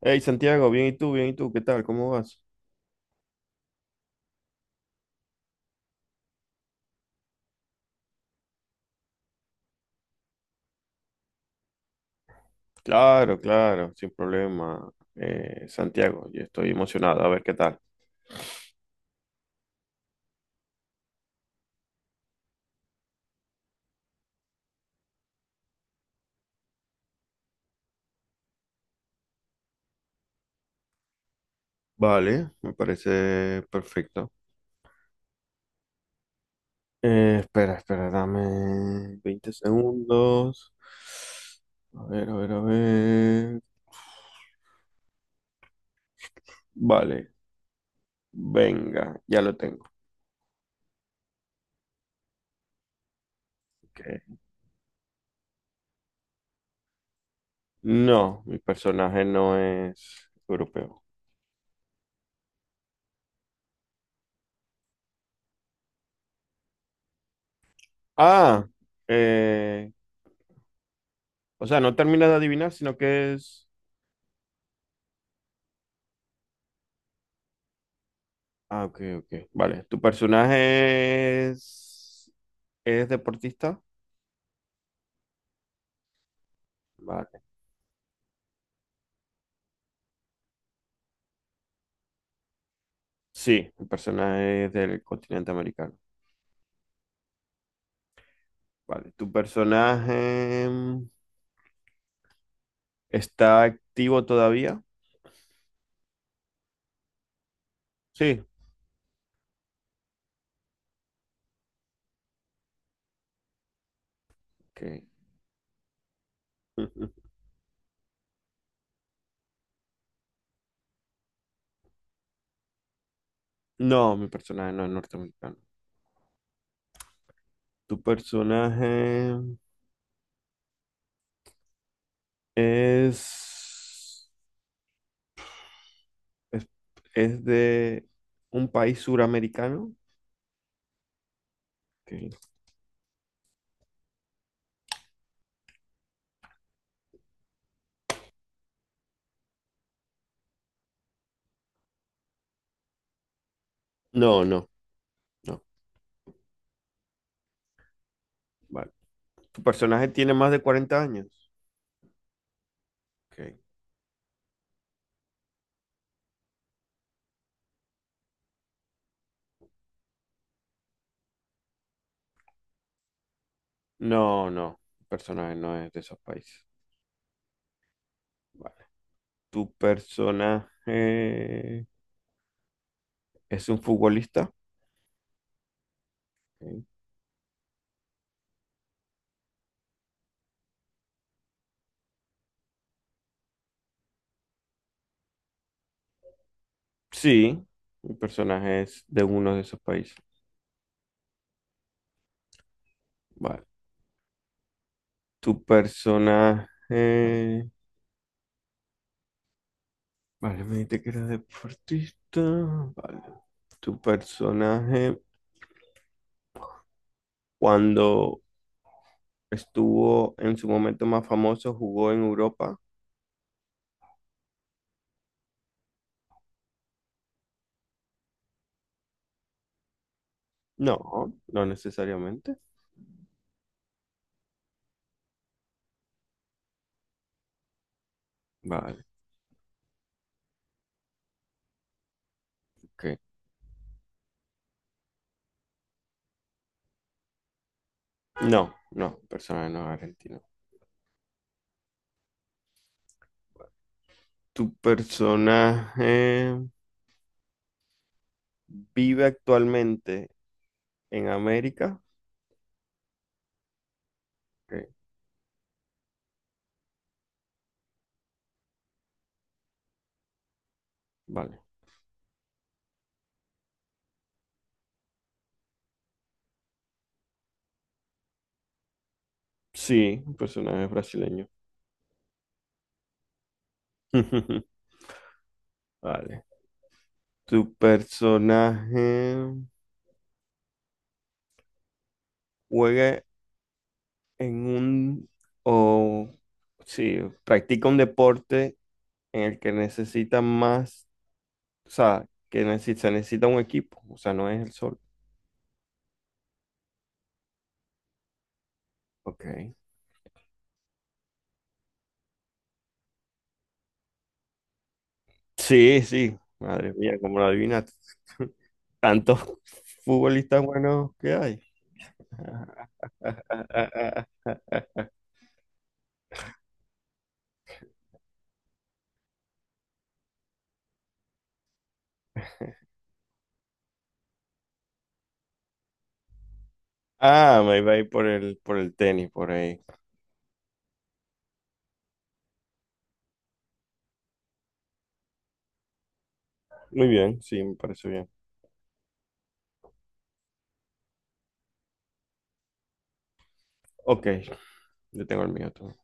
Hey Santiago, bien y tú, ¿qué tal? ¿Cómo vas? Claro, claro, sin problema, Santiago, yo estoy emocionado, a ver qué tal. Vale, me parece perfecto. Espera, espera, dame 20 segundos. A ver, a ver, a ver. Vale, venga, ya lo tengo. Ok. No, mi personaje no es europeo. Ah, eh, o sea, no terminas de adivinar, sino que es... Ah, ok, ok. Vale. ¿Tu personaje es deportista? Vale. Sí, mi personaje es del continente americano. Vale. ¿Tu personaje está activo todavía? Sí. Ok. No, mi personaje no es norteamericano. ¿Tu personaje es, es, es de un país suramericano? Ok. No, no, no. Vale. ¿Tu personaje tiene más de 40 años? Ok. No, no. El personaje no es de esos países. Vale. ¿Tu personaje es un futbolista? Ok. Sí, mi personaje es de uno de esos países. Vale. ¿Tu personaje... Vale, me dijiste que era deportista. Vale. ¿Tu personaje cuando estuvo en su momento más famoso jugó en Europa? No, no necesariamente. Vale. Ok. No, no, personaje no es argentino. ¿Tu personaje vive actualmente en América? Ok, vale. Sí, un personaje brasileño. Vale. ¿Tu personaje juega en un o sí, practica un deporte en el que necesita más, o sea, que necesita, necesita un equipo, o sea, no es el sol. Ok. Sí, sí, madre mía, como lo adivinaste. Tantos futbolistas buenos que hay. Ah, me iba a ir por el tenis, por ahí. Muy bien, sí, me parece bien. Ok, yo tengo el mío todo.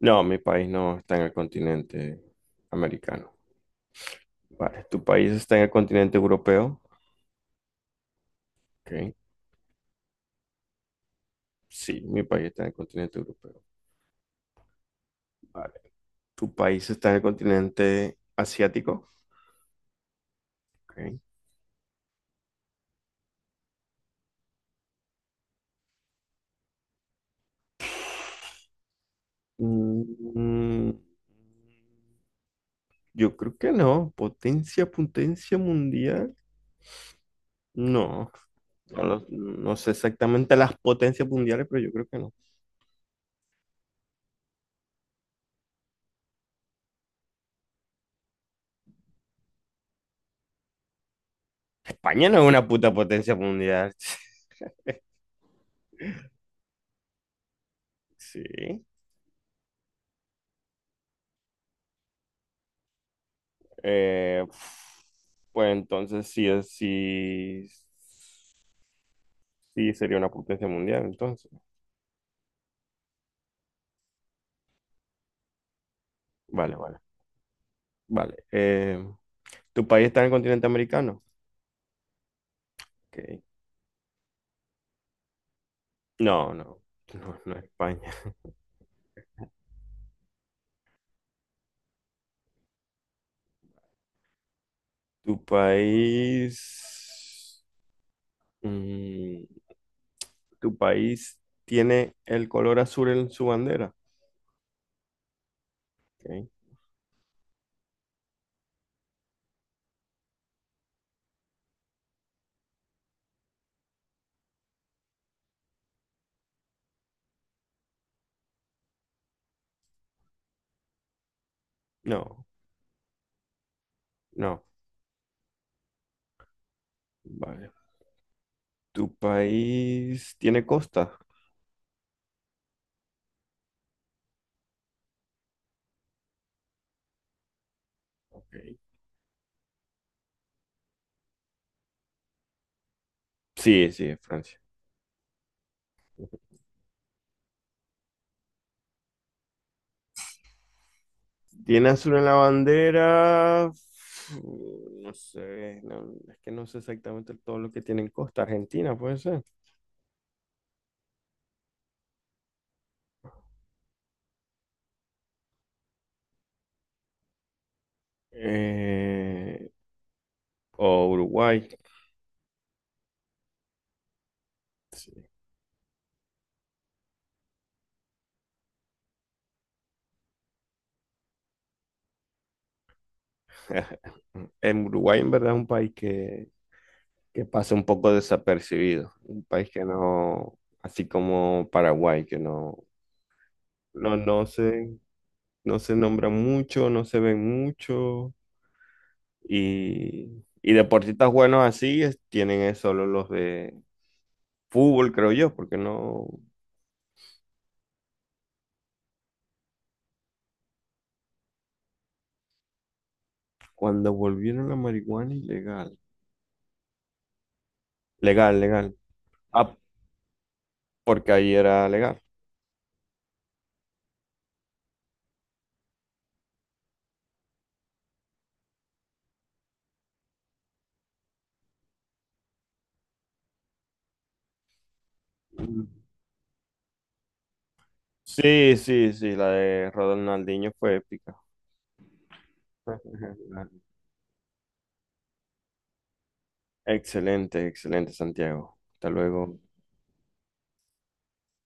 No, mi país no está en el continente americano. Vale, ¿tu país está en el continente europeo? Ok, sí, mi país está en el continente europeo. Vale. ¿Tu país está en el continente asiático? Ok. Mm, yo creo que no. Potencia, potencia mundial. No. No, lo- no sé exactamente las potencias mundiales, pero yo creo que no. España no es una puta potencia mundial. Sí. Eh, pues entonces sí, es- sí, sí sería una potencia mundial, entonces. Vale, vale, vale. ¿Tu país está en el continente americano? Ok. No, no, no, no es España. ¿Tu país... mm, ¿tu país tiene el color azul en su bandera? Ok. No, no, vale. ¿Tu país tiene costa? Ok. Sí, sí, es Francia. ¿Tiene azul en la bandera? Mm, no sé, no, es que no sé exactamente todo lo que tiene en costa. Argentina, puede ser. Eh, o Uruguay. En Uruguay en verdad es un país que pasa un poco desapercibido, un país que no, así como Paraguay, que no, no, no se, no se nombra mucho, no se ven mucho y deportistas buenos así es- tienen es solo los de fútbol, creo yo, porque no, cuando volvieron la marihuana ilegal, legal, legal, ah, porque ahí era legal. Sí, sí, sí, la de Ronaldinho fue épica. Excelente, excelente, Santiago. Hasta luego.